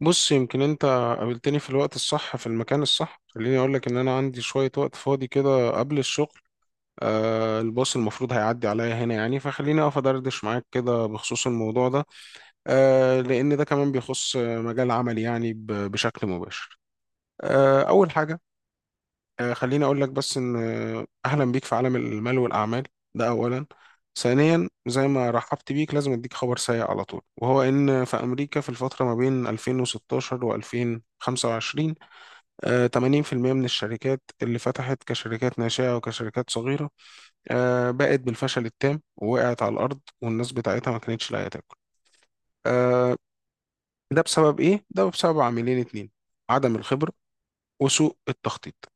بص يمكن انت قابلتني في الوقت الصح في المكان الصح. خليني اقول لك ان انا عندي شوية وقت فاضي كده قبل الشغل. الباص المفروض هيعدي عليا هنا يعني، فخليني اقف ادردش معاك كده بخصوص الموضوع ده. لان ده كمان بيخص مجال عملي يعني بشكل مباشر. اول حاجة، خليني اقول لك بس ان اهلا بيك في عالم المال والاعمال. ده اولا. ثانيا، زي ما رحبت بيك لازم اديك خبر سيء على طول، وهو ان في امريكا في الفتره ما بين 2016 و2025 80% من الشركات اللي فتحت كشركات ناشئه وكشركات صغيره بقت بالفشل التام، ووقعت على الارض، والناس بتاعتها ما كانتش لاقيه تاكل. آه، ده بسبب ايه؟ ده بسبب عاملين اتنين: عدم الخبره وسوء التخطيط.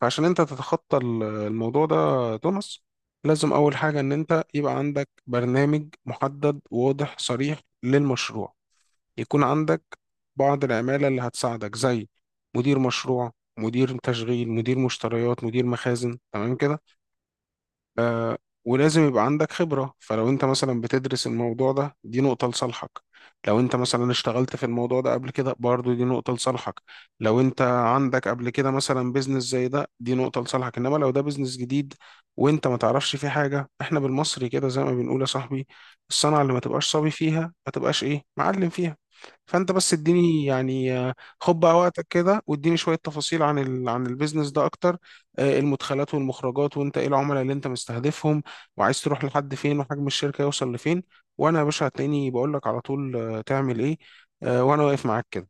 فعشان انت تتخطى الموضوع ده يا توماس، لازم اول حاجة ان انت يبقى عندك برنامج محدد واضح صريح للمشروع، يكون عندك بعض العمالة اللي هتساعدك زي مدير مشروع، مدير تشغيل، مدير مشتريات، مدير مخازن، تمام كده. آه ولازم يبقى عندك خبرة. فلو انت مثلا بتدرس الموضوع ده، دي نقطة لصالحك. لو انت مثلا اشتغلت في الموضوع ده قبل كده، برضو دي نقطة لصالحك. لو انت عندك قبل كده مثلا بيزنس زي ده، دي نقطة لصالحك. انما لو ده بيزنس جديد وانت ما تعرفش فيه حاجة، احنا بالمصري كده زي ما بنقول يا صاحبي، الصنعة اللي ما تبقاش صبي فيها ما تبقاش ايه، معلم فيها. فانت بس اديني يعني خد بقى وقتك كده واديني شوية تفاصيل عن عن البيزنس ده اكتر. المدخلات والمخرجات، وانت ايه العملاء اللي انت مستهدفهم، وعايز تروح لحد فين، وحجم الشركة يوصل لفين. وانا يا باشا هتلاقيني بقول لك على طول تعمل ايه وانا واقف معاك كده.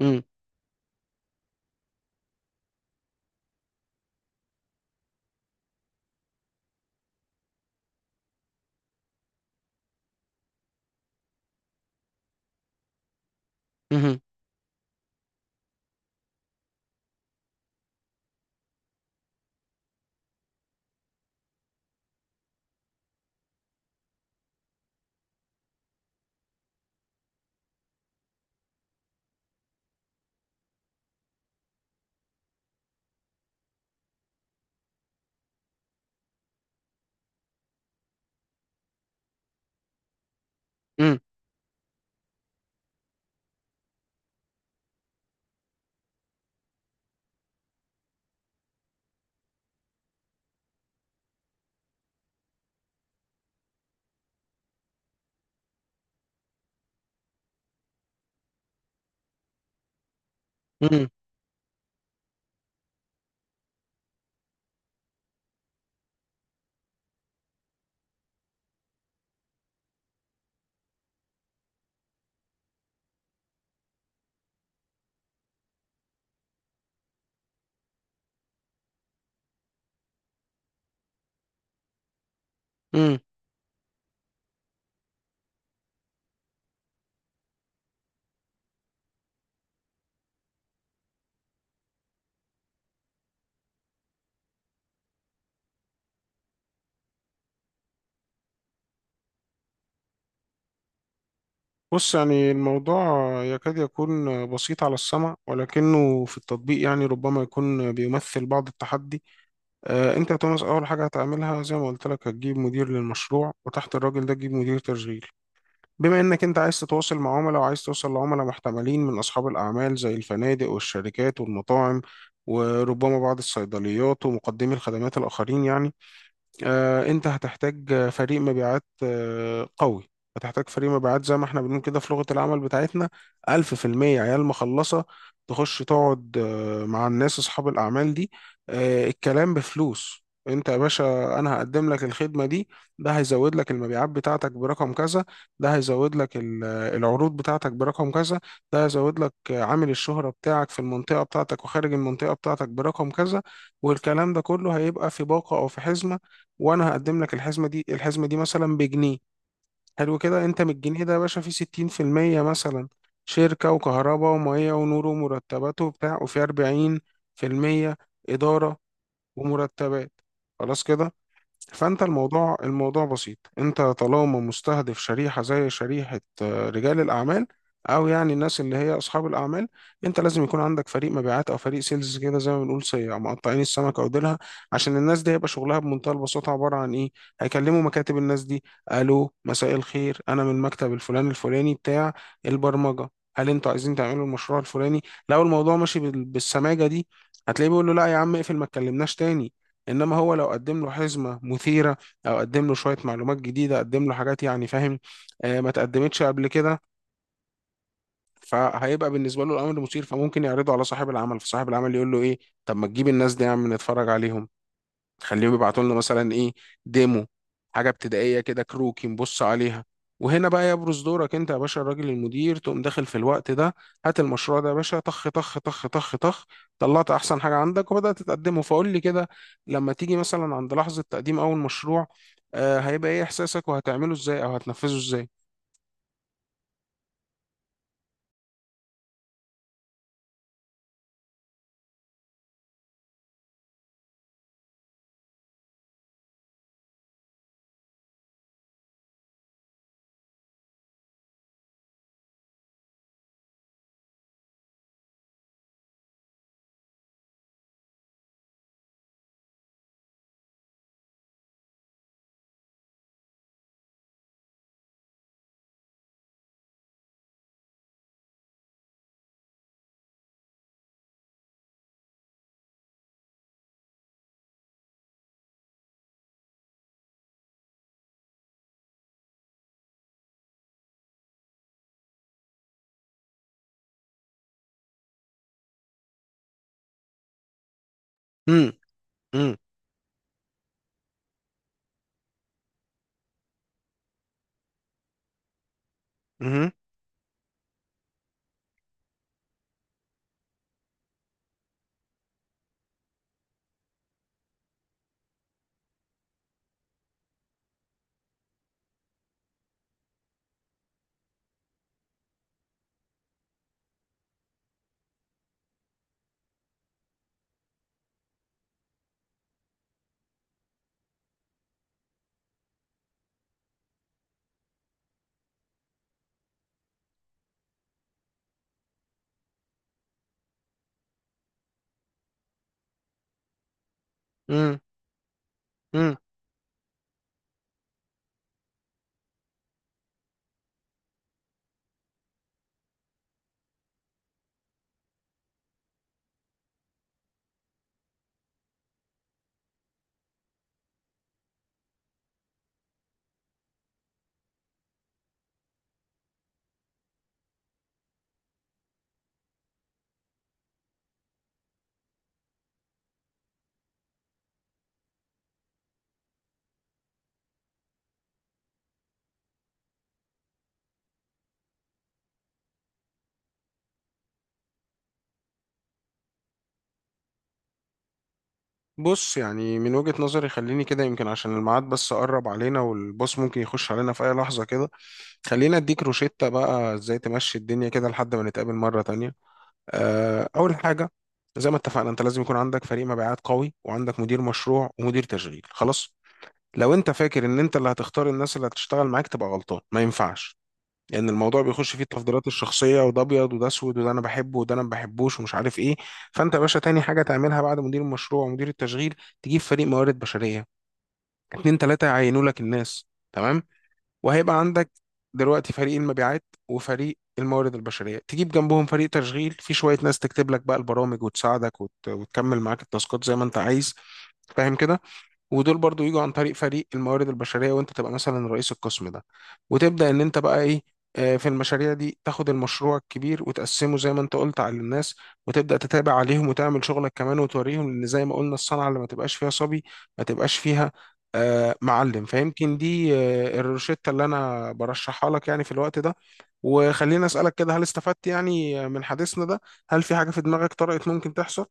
مم. مهم. مم. مم. مم. بص يعني الموضوع يكاد يكون بسيط على السمع، ولكنه في التطبيق يعني ربما يكون بيمثل بعض التحدي. انت يا توماس اول حاجة هتعملها زي ما قلت لك، هتجيب مدير للمشروع، وتحت الراجل ده تجيب مدير تشغيل. بما انك انت عايز تتواصل مع عملاء، وعايز توصل لعملاء محتملين من اصحاب الاعمال زي الفنادق والشركات والمطاعم، وربما بعض الصيدليات ومقدمي الخدمات الاخرين يعني، انت هتحتاج فريق مبيعات قوي. هتحتاج فريق مبيعات زي ما احنا بنقول كده في لغة العمل بتاعتنا، ألف في المية عيال مخلصة، تخش تقعد مع الناس أصحاب الأعمال دي. الكلام بفلوس. انت يا باشا، انا هقدم لك الخدمة دي، ده هيزود لك المبيعات بتاعتك برقم كذا، ده هيزود لك العروض بتاعتك برقم كذا، ده هيزود لك عامل الشهرة بتاعك في المنطقة بتاعتك وخارج المنطقة بتاعتك برقم كذا، والكلام ده كله هيبقى في باقة أو في حزمة. وانا هقدم لك الحزمه دي. الحزمه دي مثلا بجنيه. حلو كده. انت من الجنيه ده يا باشا فيه 60% مثلا شركه وكهرباء وميه ونور ومرتبات وبتاع، وفي 40% اداره ومرتبات. خلاص كده. فانت الموضوع الموضوع بسيط. انت طالما مستهدف شريحه زي شريحه رجال الاعمال، او يعني الناس اللي هي اصحاب الاعمال، انت لازم يكون عندك فريق مبيعات او فريق سيلز كده، زي ما بنقول صيع مقطعين السمكه وديلها. عشان الناس دي هيبقى شغلها بمنتهى البساطه عباره عن ايه؟ هيكلموا مكاتب الناس دي: الو، مساء الخير، انا من مكتب الفلان الفلاني بتاع البرمجه، هل انتوا عايزين تعملوا المشروع الفلاني؟ لو الموضوع ماشي بالسماجه دي، هتلاقيه بيقول له لا يا عم اقفل ما تكلمناش تاني. انما هو لو قدم له حزمه مثيره، او قدم له شويه معلومات جديده، قدم له حاجات يعني فاهم ما تقدمتش قبل كده، فهيبقى بالنسبه له الامر مثير، فممكن يعرضه على صاحب العمل، فصاحب العمل يقول له ايه؟ طب ما تجيب الناس دي يا عم نتفرج عليهم، تخليهم يبعتوا لنا مثلا ايه، ديمو، حاجه ابتدائيه كده، كروكي نبص عليها. وهنا بقى يبرز دورك انت يا باشا الراجل المدير، تقوم داخل في الوقت ده: هات المشروع ده يا باشا، طخ طخ طخ طخ طخ، طلعت احسن حاجه عندك وبدات تقدمه. فقول لي كده، لما تيجي مثلا عند لحظه تقديم اول مشروع، هيبقى ايه احساسك، وهتعمله ازاي، او هتنفذه ازاي؟ امم. امم. امم. بص يعني من وجهة نظري، خليني كده، يمكن عشان الميعاد بس قرب علينا، والبوس ممكن يخش علينا في أي لحظة كده، خلينا أديك روشتة بقى إزاي تمشي الدنيا كده لحد ما نتقابل مرة تانية. أول حاجة، زي ما اتفقنا، أنت لازم يكون عندك فريق مبيعات قوي، وعندك مدير مشروع ومدير تشغيل. خلاص. لو أنت فاكر إن أنت اللي هتختار الناس اللي هتشتغل معاك، تبقى غلطان، ما ينفعش، لان الموضوع بيخش فيه التفضيلات الشخصيه، وده ابيض وده اسود وده انا بحبه وده انا ما بحبوش ومش عارف ايه. فانت يا باشا تاني حاجه تعملها بعد مدير المشروع ومدير التشغيل، تجيب فريق موارد بشريه، اتنين تلاته يعينوا لك الناس. تمام. وهيبقى عندك دلوقتي فريق المبيعات وفريق الموارد البشريه. تجيب جنبهم فريق تشغيل، في شويه ناس تكتب لك بقى البرامج وتساعدك وتكمل معاك التاسكات زي ما انت عايز، فاهم كده. ودول برضو يجوا عن طريق فريق الموارد البشرية، وانت تبقى مثلا رئيس القسم ده، وتبدأ ان انت بقى ايه، في المشاريع دي تاخد المشروع الكبير وتقسمه زي ما انت قلت على الناس، وتبدأ تتابع عليهم، وتعمل شغلك كمان وتوريهم، لان زي ما قلنا الصنعة اللي ما تبقاش فيها صبي ما تبقاش فيها معلم. فيمكن دي الروشتة اللي انا برشحها لك يعني في الوقت ده. وخليني اسألك كده، هل استفدت يعني من حديثنا ده؟ هل في حاجة في دماغك طرقت ممكن تحصل؟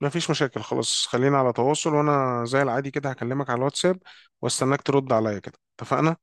ما فيش مشاكل، خلاص، خلينا على تواصل، وانا زي العادي كده هكلمك على الواتساب واستناك ترد عليا كده، اتفقنا؟